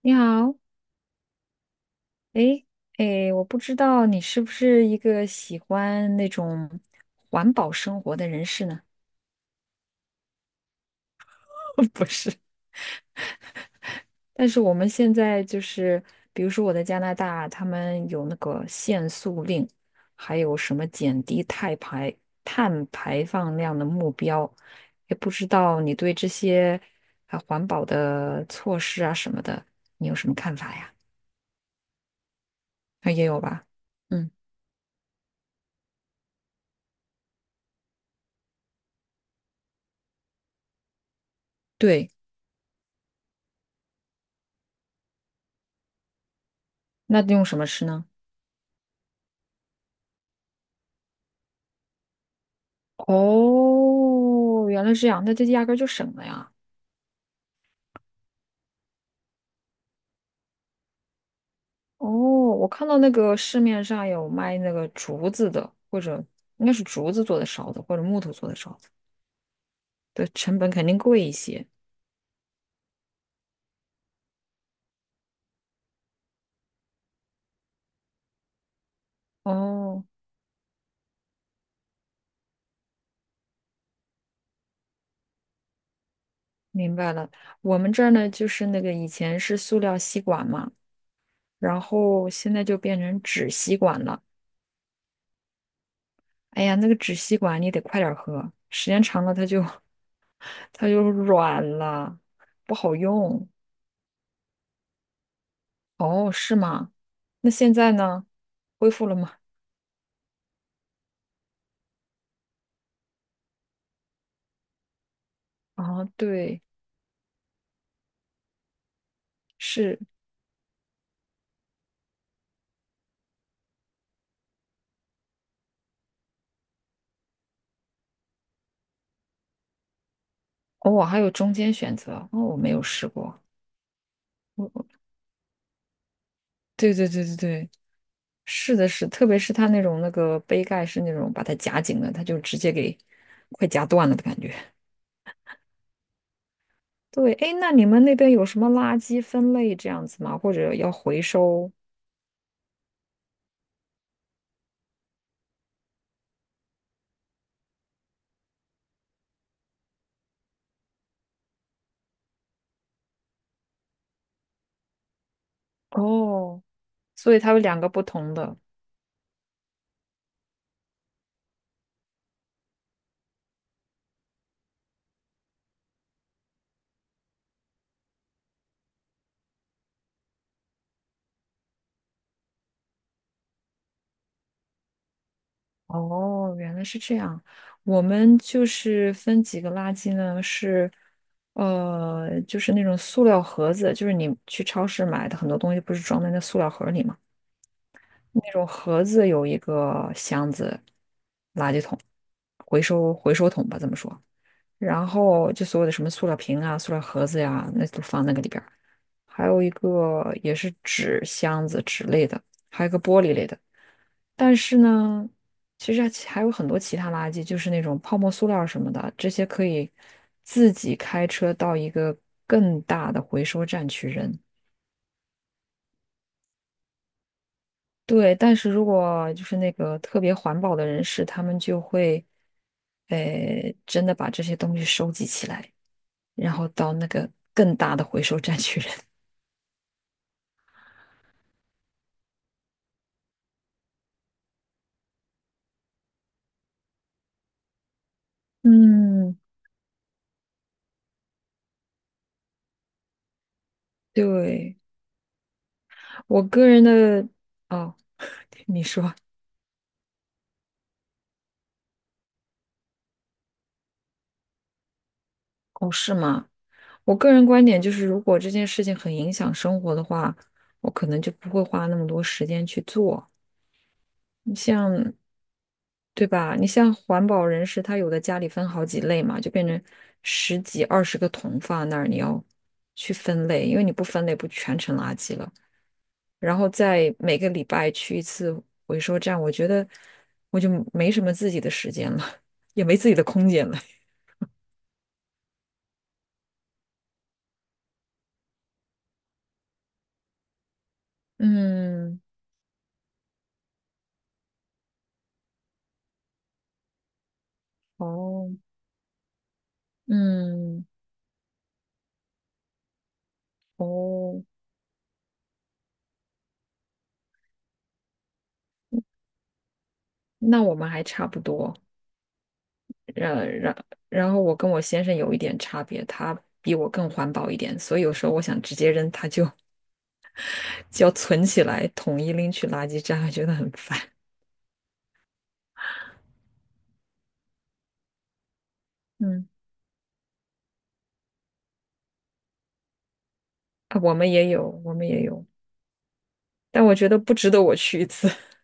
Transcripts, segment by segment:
你好，诶诶，我不知道你是不是一个喜欢那种环保生活的人士呢？不是，但是我们现在就是，比如说我在加拿大，他们有那个限塑令，还有什么减低碳排放量的目标，也不知道你对这些啊环保的措施啊什么的，你有什么看法呀？啊，也有吧？嗯，对，那用什么吃呢？哦，原来是这样，那这压根儿就省了呀。哦，我看到那个市面上有卖那个竹子的，或者应该是竹子做的勺子，或者木头做的勺子，对，成本肯定贵一些。哦，明白了。我们这儿呢，就是那个以前是塑料吸管嘛，然后现在就变成纸吸管了。哎呀，那个纸吸管你得快点儿喝，时间长了它就 它就软了，不好用。哦，是吗？那现在呢？恢复了吗？啊，对，是。哦，我还有中间选择，哦，我没有试过。我对对对对对，是的是，特别是它那种那个杯盖是那种把它夹紧的，它就直接给快夹断了的感觉。对，哎，那你们那边有什么垃圾分类这样子吗？或者要回收？哦，所以它有两个不同的。哦，原来是这样。我们就是分几个垃圾呢，是呃，就是那种塑料盒子，就是你去超市买的很多东西，不是装在那塑料盒里吗？那种盒子有一个箱子，垃圾桶，回收桶吧，这么说。然后就所有的什么塑料瓶啊、塑料盒子呀、那都放那个里边儿还有一个也是纸箱子、纸类的，还有一个玻璃类的。但是呢，其实还有很多其他垃圾，就是那种泡沫塑料什么的，这些可以自己开车到一个更大的回收站去扔。对，但是如果就是那个特别环保的人士，他们就会，呃，真的把这些东西收集起来，然后到那个更大的回收站去扔。嗯，对，我个人的，哦，你说，哦，是吗？我个人观点就是，如果这件事情很影响生活的话，我可能就不会花那么多时间去做。你像，对吧？你像环保人士，他有的家里分好几类嘛，就变成十几、二十个桶放那儿，你要去分类，因为你不分类，不全成垃圾了。然后再每个礼拜去一次回收站，我觉得我就没什么自己的时间了，也没自己的空间了。嗯，哦，嗯，哦。那我们还差不多，呃，然后我跟我先生有一点差别，他比我更环保一点，所以有时候我想直接扔，他就 就要存起来，统一拎去垃圾站，觉得很烦。嗯，啊，我们也有，我们也有，但我觉得不值得我去一次。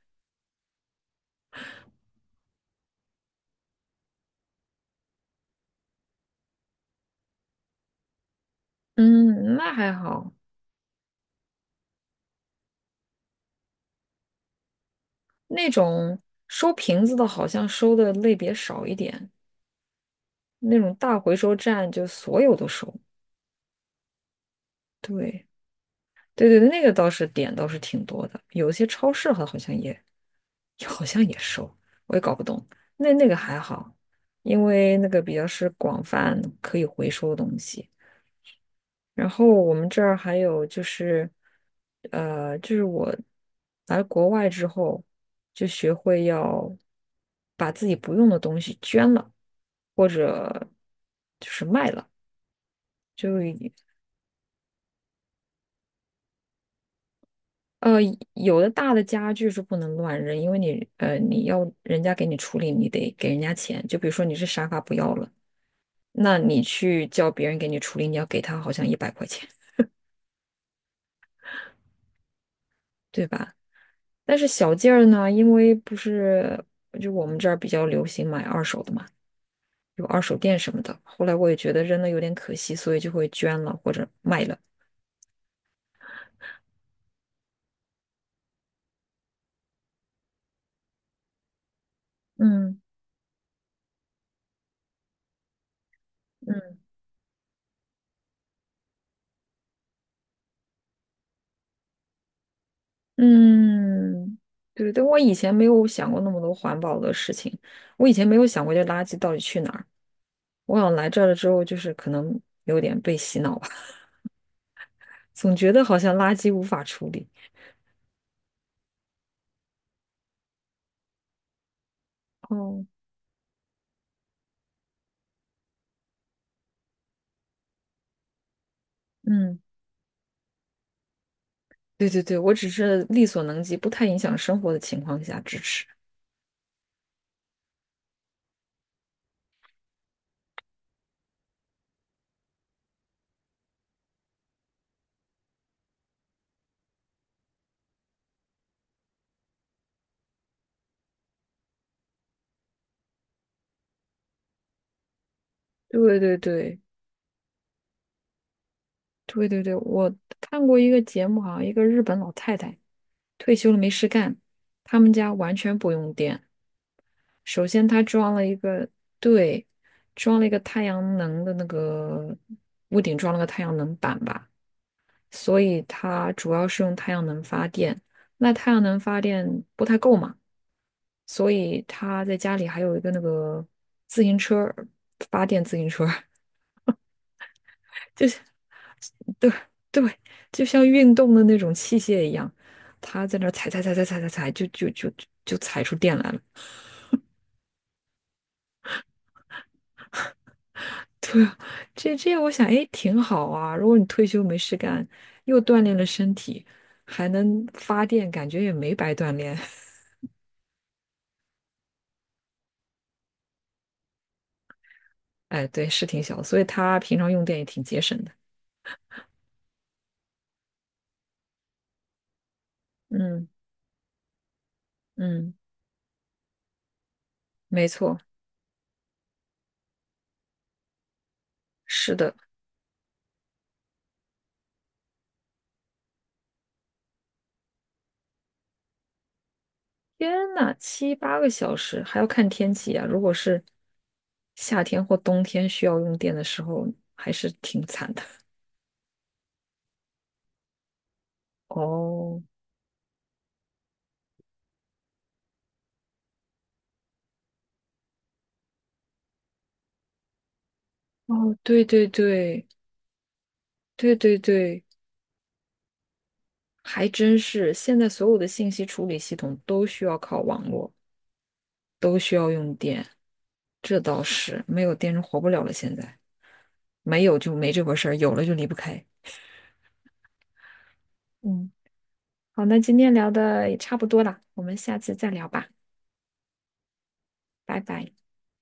嗯，那还好，那种收瓶子的，好像收的类别少一点，那种大回收站就所有都收。对。对对对，那个倒是点倒是挺多的，有一些超市好像也好像也收，我也搞不懂。那那个还好，因为那个比较是广泛可以回收的东西。然后我们这儿还有就是，呃，就是我来国外之后就学会要把自己不用的东西捐了，或者就是卖了。就呃，有的大的家具是不能乱扔，因为你呃你要人家给你处理，你得给人家钱。就比如说你是沙发不要了，那你去叫别人给你处理，你要给他好像一百块钱，对吧？但是小件儿呢，因为不是就我们这儿比较流行买二手的嘛，有二手店什么的。后来我也觉得扔了有点可惜，所以就会捐了或者卖了。嗯嗯嗯，对，对，我以前没有想过那么多环保的事情，我以前没有想过这垃圾到底去哪儿。我想来这儿了之后，就是可能有点被洗脑吧，总觉得好像垃圾无法处理。哦，嗯，对对对，我只是力所能及，不太影响生活的情况下支持。对对对对对对，我看过一个节目，好像一个日本老太太退休了没事干，他们家完全不用电。首先，她装了一个，对，装了一个太阳能的那个屋顶，装了个太阳能板吧。所以它主要是用太阳能发电。那太阳能发电不太够嘛，所以他在家里还有一个那个自行车儿发电自行车儿 就是对对，就像运动的那种器械一样，他在那儿踩踩踩踩踩踩踩，就踩出电来了。对啊，这这样我想，哎，挺好啊。如果你退休没事干，又锻炼了身体，还能发电，感觉也没白锻炼。哎，对，是挺小的，所以他平常用电也挺节省的。嗯嗯，没错，是的。天呐，七八个小时还要看天气啊！如果是夏天或冬天需要用电的时候，还是挺惨的。哦哦，对对对对对对，还真是。现在所有的信息处理系统都需要靠网络，都需要用电，这倒是没有电人活不了了。现在没有就没这回事儿，有了就离不开。嗯。好，那今天聊的也差不多了，我们下次再聊吧，拜拜。